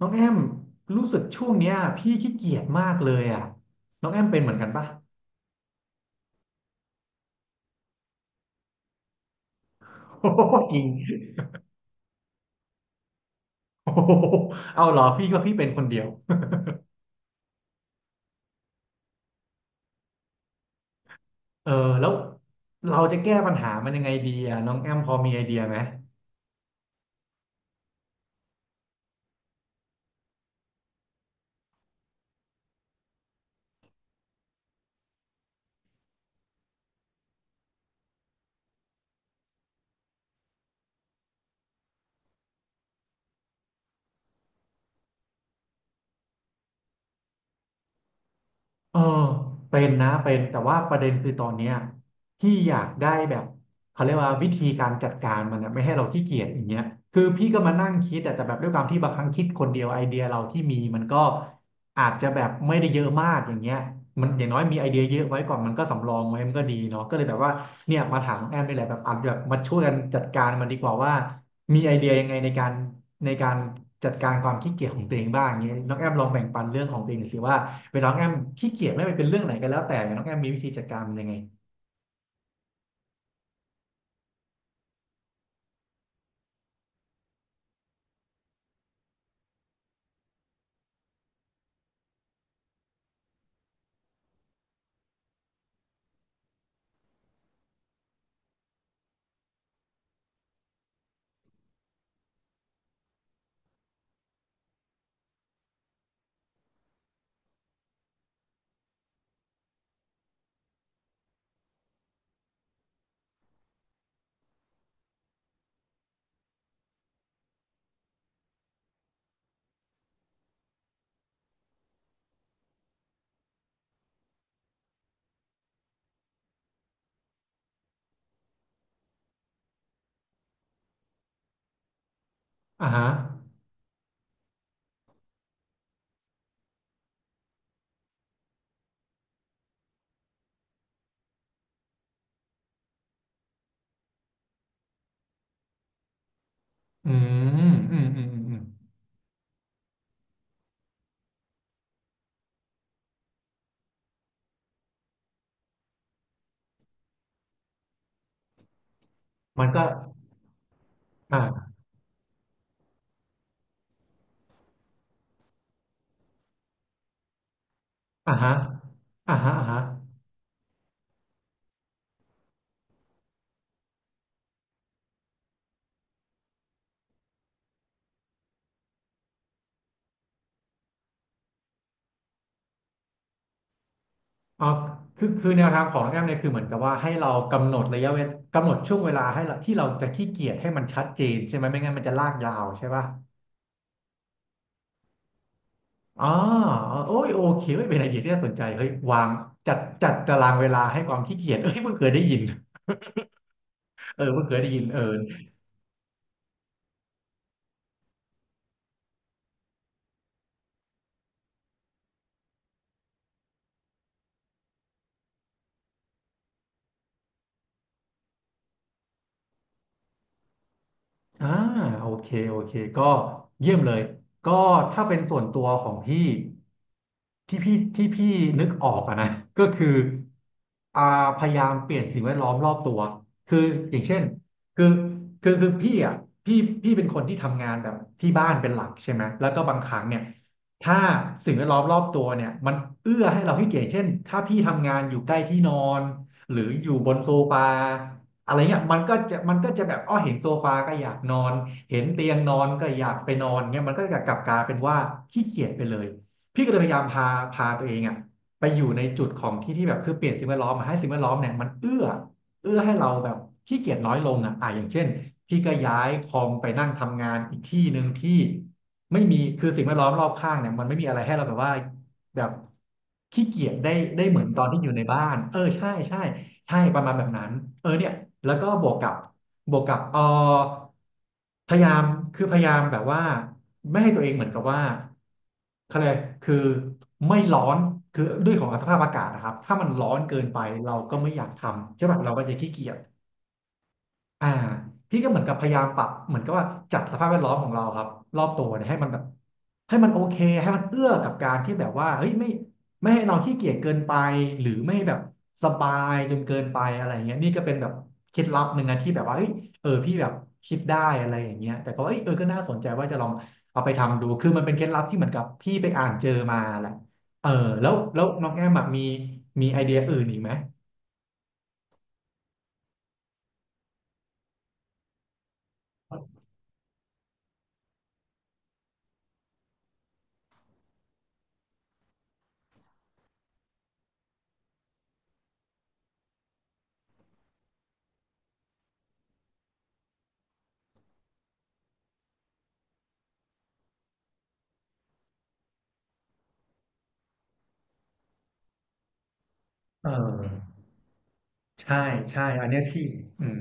น้องแอมรู้สึกช่วงเนี้ยพี่ขี้เกียจมากเลยอ่ะน้องแอมเป็นเหมือนกันปะโอ้โหจริงโอ้โหเอาเหรอพี่ก็พี่เป็นคนเดียวเออแล้วเราจะแก้ปัญหามันยังไงดีอ่ะน้องแอมพอมีไอเดียไหม เออเป็นนะเป็นแต่ว่าประเด็นคือตอนเนี้ยพี่อยากได้แบบเขาเรียกว่าวิธีการจัดการมันนะไม่ให้เราขี้เกียจอย่างเงี้ยคือพี่ก็มานั่งคิดอะแต่แบบด้วยความที่บางครั้งคิดคนเดียวไอเดียเราที่มีมันก็อาจจะแบบไม่ได้เยอะมากอย่างเงี้ยมันอย่างน้อยมีไอเดียเยอะไว้ก่อนมันก็สำรองไว้มันก็ดีเนาะก็เลยแบบว่าเนี่ยมาถามน้องแอมนี่แหละแบบอาจแบบมาช่วยกันจัดการมันดีกว่าว่ามีไอเดียยังไงในการในการจัดการความขี้เกียจของตัวเองบ้างอย่างเงี้ยน้องแอมลองแบ่งปันเรื่องของตัวเองหน่อยสิว่า เวลาน้องแอมขี้เกียจไม่ว่าเป็นเรื่องไหนก็แล้วแต่น้องแอมมีวิธีจัดการมันยังไงอ่าฮะอือืมมันก็อ่าอ่าฮะอ่าฮะอ่าฮะเอาคือแนวทางของน้องแอมเนี่ยคือเหมือนกับว่าให้เรากำหนดระยะเวลากำหนดช่วงเวลาให้เราที่เราจะขี้เกียจให้มันชัดเจนใช่ไหมไม่งั้นมันจะลากยาวใช่ป่ะอ๋อโอ้ยโอเคเฮ้ยเป็นไอเดียที่น่าสนใจเฮ้ยวางจัดตารางเวลาให้ความขี้เกียจเอ้ยเพิ่งเคยได้ยินเออเพิ่งเคยได้ยินเออ อ่าโอเคโอเคก็เยี่ยมเลยก็ถ้าเป็นส่วนตัวของพี่ที่พี่นึกออกอะนะ ก็คืออ่าพยายามเปลี่ยนสิ่งแวดล้อมรอบตัวคืออย่างเช่นคือคือพี่อ่ะพี่เป็นคนที่ทำงานแบบที่บ้านเป็นหลักใช่ไหมแล้วก็บางครั้งเนี่ยถ้าสิ่งแวดล้อมรอบตัวเนี่ยมันเอื้อให้เราให้เกียรติเช่นถ้าพี่ทำงานอยู่ใกล้ที่นอนหรืออยู่บนโซฟา อะไรเงี้ยมันก็จะแบบอ้อเห็นโซฟาก็อยากนอนเห็นเตียงนอนก็อยากไปนอนเงี้ยมันก็จะกลับกลายเป็นว่าขี้เกียจไปเลยพี่ก็เลยพยายามพาตัวเองอ่ะไปอยู่ในจุดของที่ที่แบบคือเปลี่ยนสิ่งแวดล้อมมาให้สิ่งแวดล้อมเนี่ยมันเอื้อให้เราแบบขี้เกียจน้อยลงอ่ะอ่ะอย่างเช่นพี่ก็ย้ายคอมไปนั่งทำงานอีกที่หนึ่งที่ไม่มีคือสิ่งแวดล้อมรอบข้างเนี่ยมันไม่มีอะไรให้เราแบบว่าแบบขี้เกียจได้เหมือนตอนที่อยู่ในบ้านเออใช่ใช่ ใช่ประมาณแบบนั้นเออเนี่ยแล้วก็บวกกับเออพยายามคือพยายามแบบว่าไม่ให้ตัวเองเหมือนกับว่าเขาเลยกคือไม่ร้อนคือด้วยของสภาพอากาศนะครับถ้ามันร้อนเกินไปเราก็ไม่อยากทำใช่ป่ะเราก็จะขี้เกียจ อ่าพี่ก็เหมือนกับพยายามปรับเหมือนกับว่าจัดสภาพแวดล้อมของเราครับรอบตัวเนี่ยให้มันแบบให้มันโอเคให้มันเอื้อกับการที่แบบว่าเฮ้ยไม่ให้เราขี้เกียจเกินไปหรือไม่แบบสบายจนเกินไปอะไรเงี้ยนี่ก็เป็นแบบเคล็ดลับหนึ่งนะที่แบบว่าเฮ้ยเออพี่แบบคิดได้อะไรอย่างเงี้ยแต่ก็เอ้ยเออก็น่าสนใจว่าจะลองเอาไปทำดูคือมันเป็นเคล็ดลับที่เหมือนกับพี่ไปอ่านเจอมาแหละเออแล้วน้องแอมอะมีไอเดียอื่นอีกไหมเออใช่ใช่อันเนี้ยพี่อืม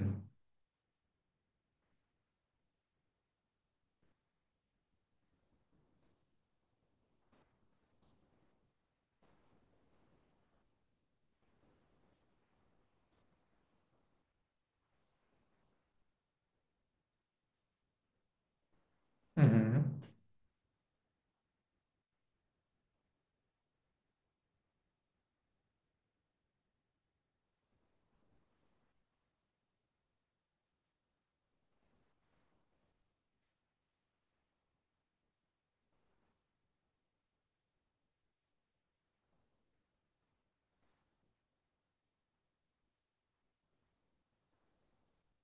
อือหือ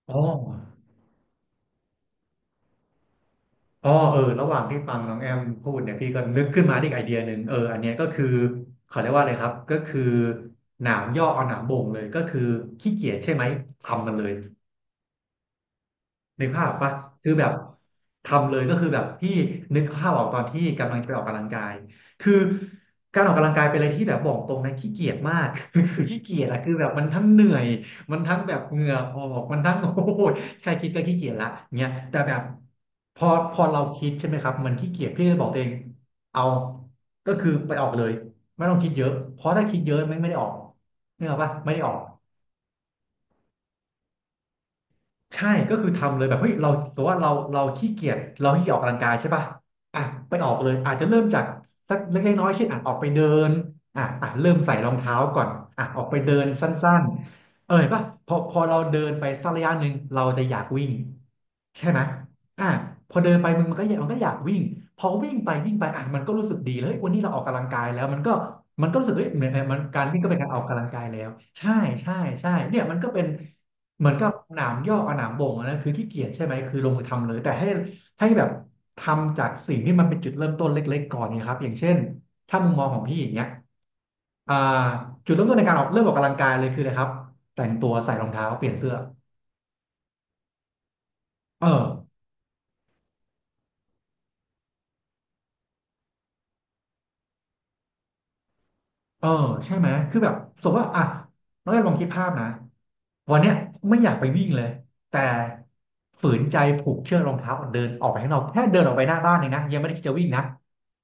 อ๋ออ๋อเออ ระหว่างที่ฟังน้องแอมพูดเนี่ยพี่ก็นึกขึ้นมาได้อีกไอเดียหนึ่งเอออันเนี้ยก็คือเขาเรียกว่าอะไรครับ ก็คือหนามย่อเอาหนามบ่งเลยก็คือขี้เกียจใช่ไหมทำมันเลย นึกภาพออกปะคือแบบทำเลยก็คือแบบพี่นึกภาพออกตอนที่กำลังจะไปออกกำลังกายคือการออกกำลังกายเป็นอะไรที่แบบบอกตรงนะขี้เกียจมาก คือขี้เกียจอะคือแบบมันทั้งเหนื่อยมันทั้งแบบเหงื่อออกมันทั้งโอ้ยแค่คิดก็ขี้เกียจละเนี่ยแต่แบบพอเราคิดใช่ไหมครับมันขี้เกียจพี่ก็เลยบอกตัวเองเอาก็คือไปออกเลยไม่ต้องคิดเยอะเพราะถ้าคิดเยอะไม่ได้ออกเนี่ยหรออกปะไม่ได้ออก ใช่ก็คือทำเลยแบบเฮ้ยเราแต่ว่าเราขี้เกียจเราขี้เกียจออกกำลังกายใช่ป่ะอ่ะไปออกเลยอาจจะเริ่มจากสักเล็กๆน้อยๆเช่นอ่ะออกไปเดินอ่ะเริ่มใส่รองเท้าก่อนอ่ะออกไปเดินสั้นๆเออเห็นป่ะพอเราเดินไปสักระยะหนึ่งเราจะอยากวิ่งใช่ไหมอ่ะพอเดินไปมันก็อยากมันก็อยากวิ่งพอวิ่งไปวิ่งไปอ่ะมันก็รู้สึกดีเลยเฮ้ยวันนี้เราออกกำลังกายแล้วมันก็มันก็รู้สึกเฮ้ยเหมือนมันการวิ่งก็เป็นการออกกำลังกายแล้วใช่ใช่ใช่เนี่ยมันก็เป็น เหมือนกับหนามยอกกับหนามบ่งอันนั้นคือขี้เกียจใช่ไหมคือลงมือทำเลยแต่ให้แบบทำจากสิ่งที่มันเป็นจุดเริ่มต้นเล็กๆก่อนเนี่ยครับอย่างเช่นถ้ามุมมองของพี่อย่างเงี้ยอ่าจุดเริ่มต้นในการออกเริ่มออกกำลังกายเลยคืออะไรครับแต่งตัวใส่รองเท้าเปลี่ยนเสื้อเออเออใช่ไหมคือแบบสมมติว่าอ่ะน้องแอมลองคิดภาพนะวันเนี้ยไม่อยากไปวิ่งเลยแต่ฝืนใจผูกเชือกรองเท้าเดินออกไปข้างนอกแค่เดินออกไปหน้าบ้านเองนะยังไม่ได้คิดจะวิ่งนะ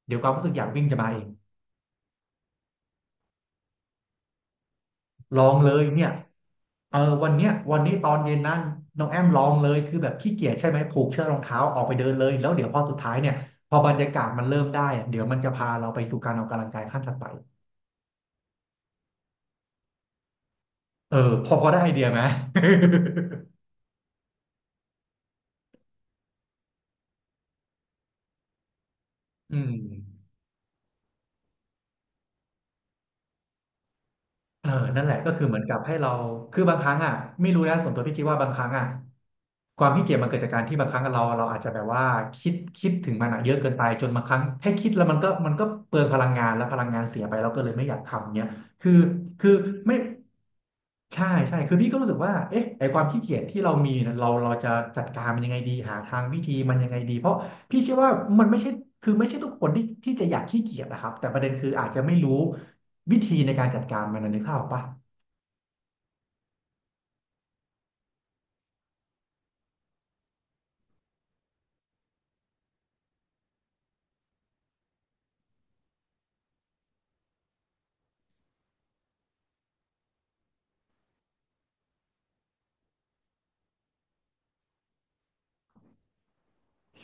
เดี๋ยวความรู้สึกอยากวิ่งจะมาเอง ลองเลยเนี่ยเออวันเนี้ยวันนี้ตอนเย็นนั่นน้องแอมลองเลยคือแบบขี้เกียจใช่ไหมผูกเชือกรองเท้าออกไปเดินเลยแล้วเดี๋ยวพอสุดท้ายเนี่ยพอบรรยากาศมันเริ่มได้อะเดี๋ยวมันจะพาเราไปสู่การออกกำลังกายขั้นถัดไปเออพอได้ไอเดียไหม อืม เออนั่นแหละก็คือเหมือนกับให้เราคือบางครั้งอ่ะไม่รู้นะส่วนตัวพี่คิดว่าบางครั้งอ่ะความขี้เกียจมันเกิดจากการที่บางครั้งเราอาจจะแบบว่าคิดถึงมันอ่ะเยอะเกินไปจนบางครั้งแค่คิดแล้วมันก็เปลืองพลังงานแล้วพลังงานเสียไปเราก็เลยไม่อยากทำเนี้ยคือคือไม่ใช่คือพี่ก็รู้สึกว่าเอ๊ะไอความขี้เกียจที่เรามีเน่ะเราจะจัดการมันยังไงดีหาทางวิธีมันยังไงดีเพราะพี่เชื่อว่ามันไม่ใช่คือไม่ใช่ทุกคนที่จะอยากขี้เกียจนะครับแต่ประเด็นคืออาจจะไม่รู้ วิธีในการจัดการมันนะนึกภาพออกปะ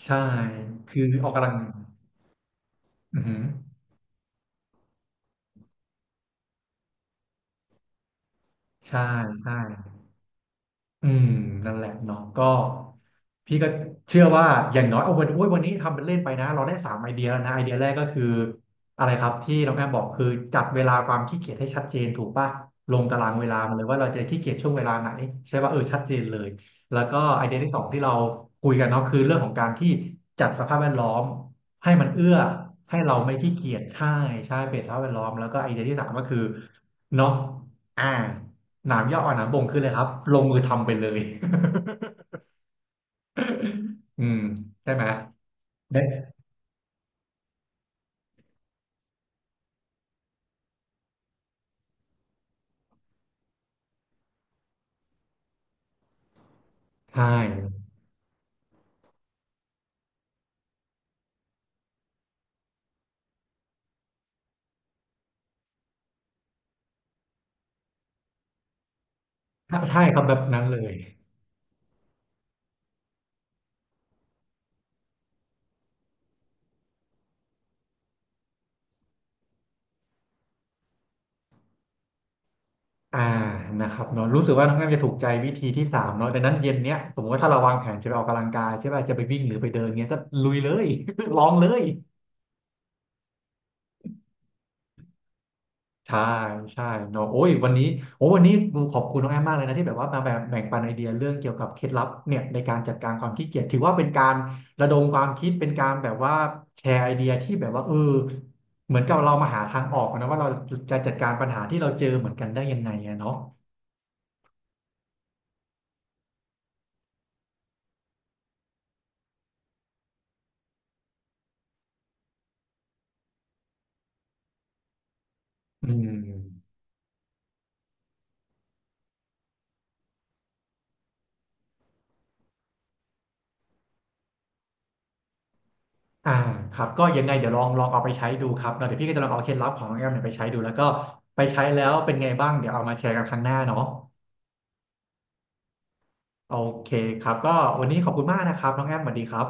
ใช่คือออกกำลังอือหือใช่ใช่ อืมนั่นแหละเนาะก็พี่ก็เชื่อว่าอย่างน้อยเอาวันโอ้ยวันนี้ทำเป็นเล่นไปนะเราได้สามไอเดียแล้วนะไอเดียแรกก็คืออะไรครับที่น้องแอมบอกคือจัดเวลาความขี้เกียจให้ชัดเจนถูกป่ะลงตารางเวลามาเลยว่าเราจะขี้เกียจช่วงเวลาไหนใช่ป่ะเออชัดเจนเลยแล้วก็ไอเดียที่สองที่เราคุยกันเนาะคือเรื่องของการที่จัดสภาพแวดล้อมให้มันเอื้อให้เราไม่ขี้เกียจใช่ใช่เปลี่ยนสภาพแวดล้อมแล้วก็ไอเดียที่สามก็คือเนาะอ่า หนามย่ออ่อนหนามบ่งคืออะไรครับลงมือทำไปเลย อืมใช่ไหมได้ใช่ถ้าใช่ครับแบบนั้นเลยอ่านะครับเนาะรู้สึกว่าน้องแอมจะถูกใจวิธีที่สามเนาะดังนั้นเย็นเนี้ยสมมติว่าถ้าเราวางแผนจะไปออกกำลังกายใช่ป่ะจะไปวิ่งหรือไปเดินเงี้ยก็ลุยเลย ลองเลย ใช่ใช่เนาะโอ้ยวันนี้โอ้วันนี้ขอบคุณน้องแอมมากเลยนะที่แบบว่ามาแบบแบ่งปันไอเดียเรื่องเกี่ยวกับเคล็ดลับเนี่ยในการจัดการความขี้เกียจถือว่าเป็นการระดมความคิดเป็นการแบบว่าแชร์ไอเดียที่แบบว่าเออเหมือนกับเรามาหาทางออกนะว่าเราจะจัดการปัญหาที่เราเจอเหมือนกันได้ยังไงอะเนาะอืมอ่าครับก็ยังไงเดี๋ยวลองเอาไปใช้ดูครับเนาะเดี๋ยวพี่ก็จะลองเอาเคล็ดลับของน้องแอมเนี่ยไปใช้ดูแล้วก็ไปใช้แล้วเป็นไงบ้างเดี๋ยวเอามาแชร์กันครั้งหน้าเนาะ โอเคครับก็วันนี้ขอบคุณมากนะครับน้องแอมสวัสดีครับ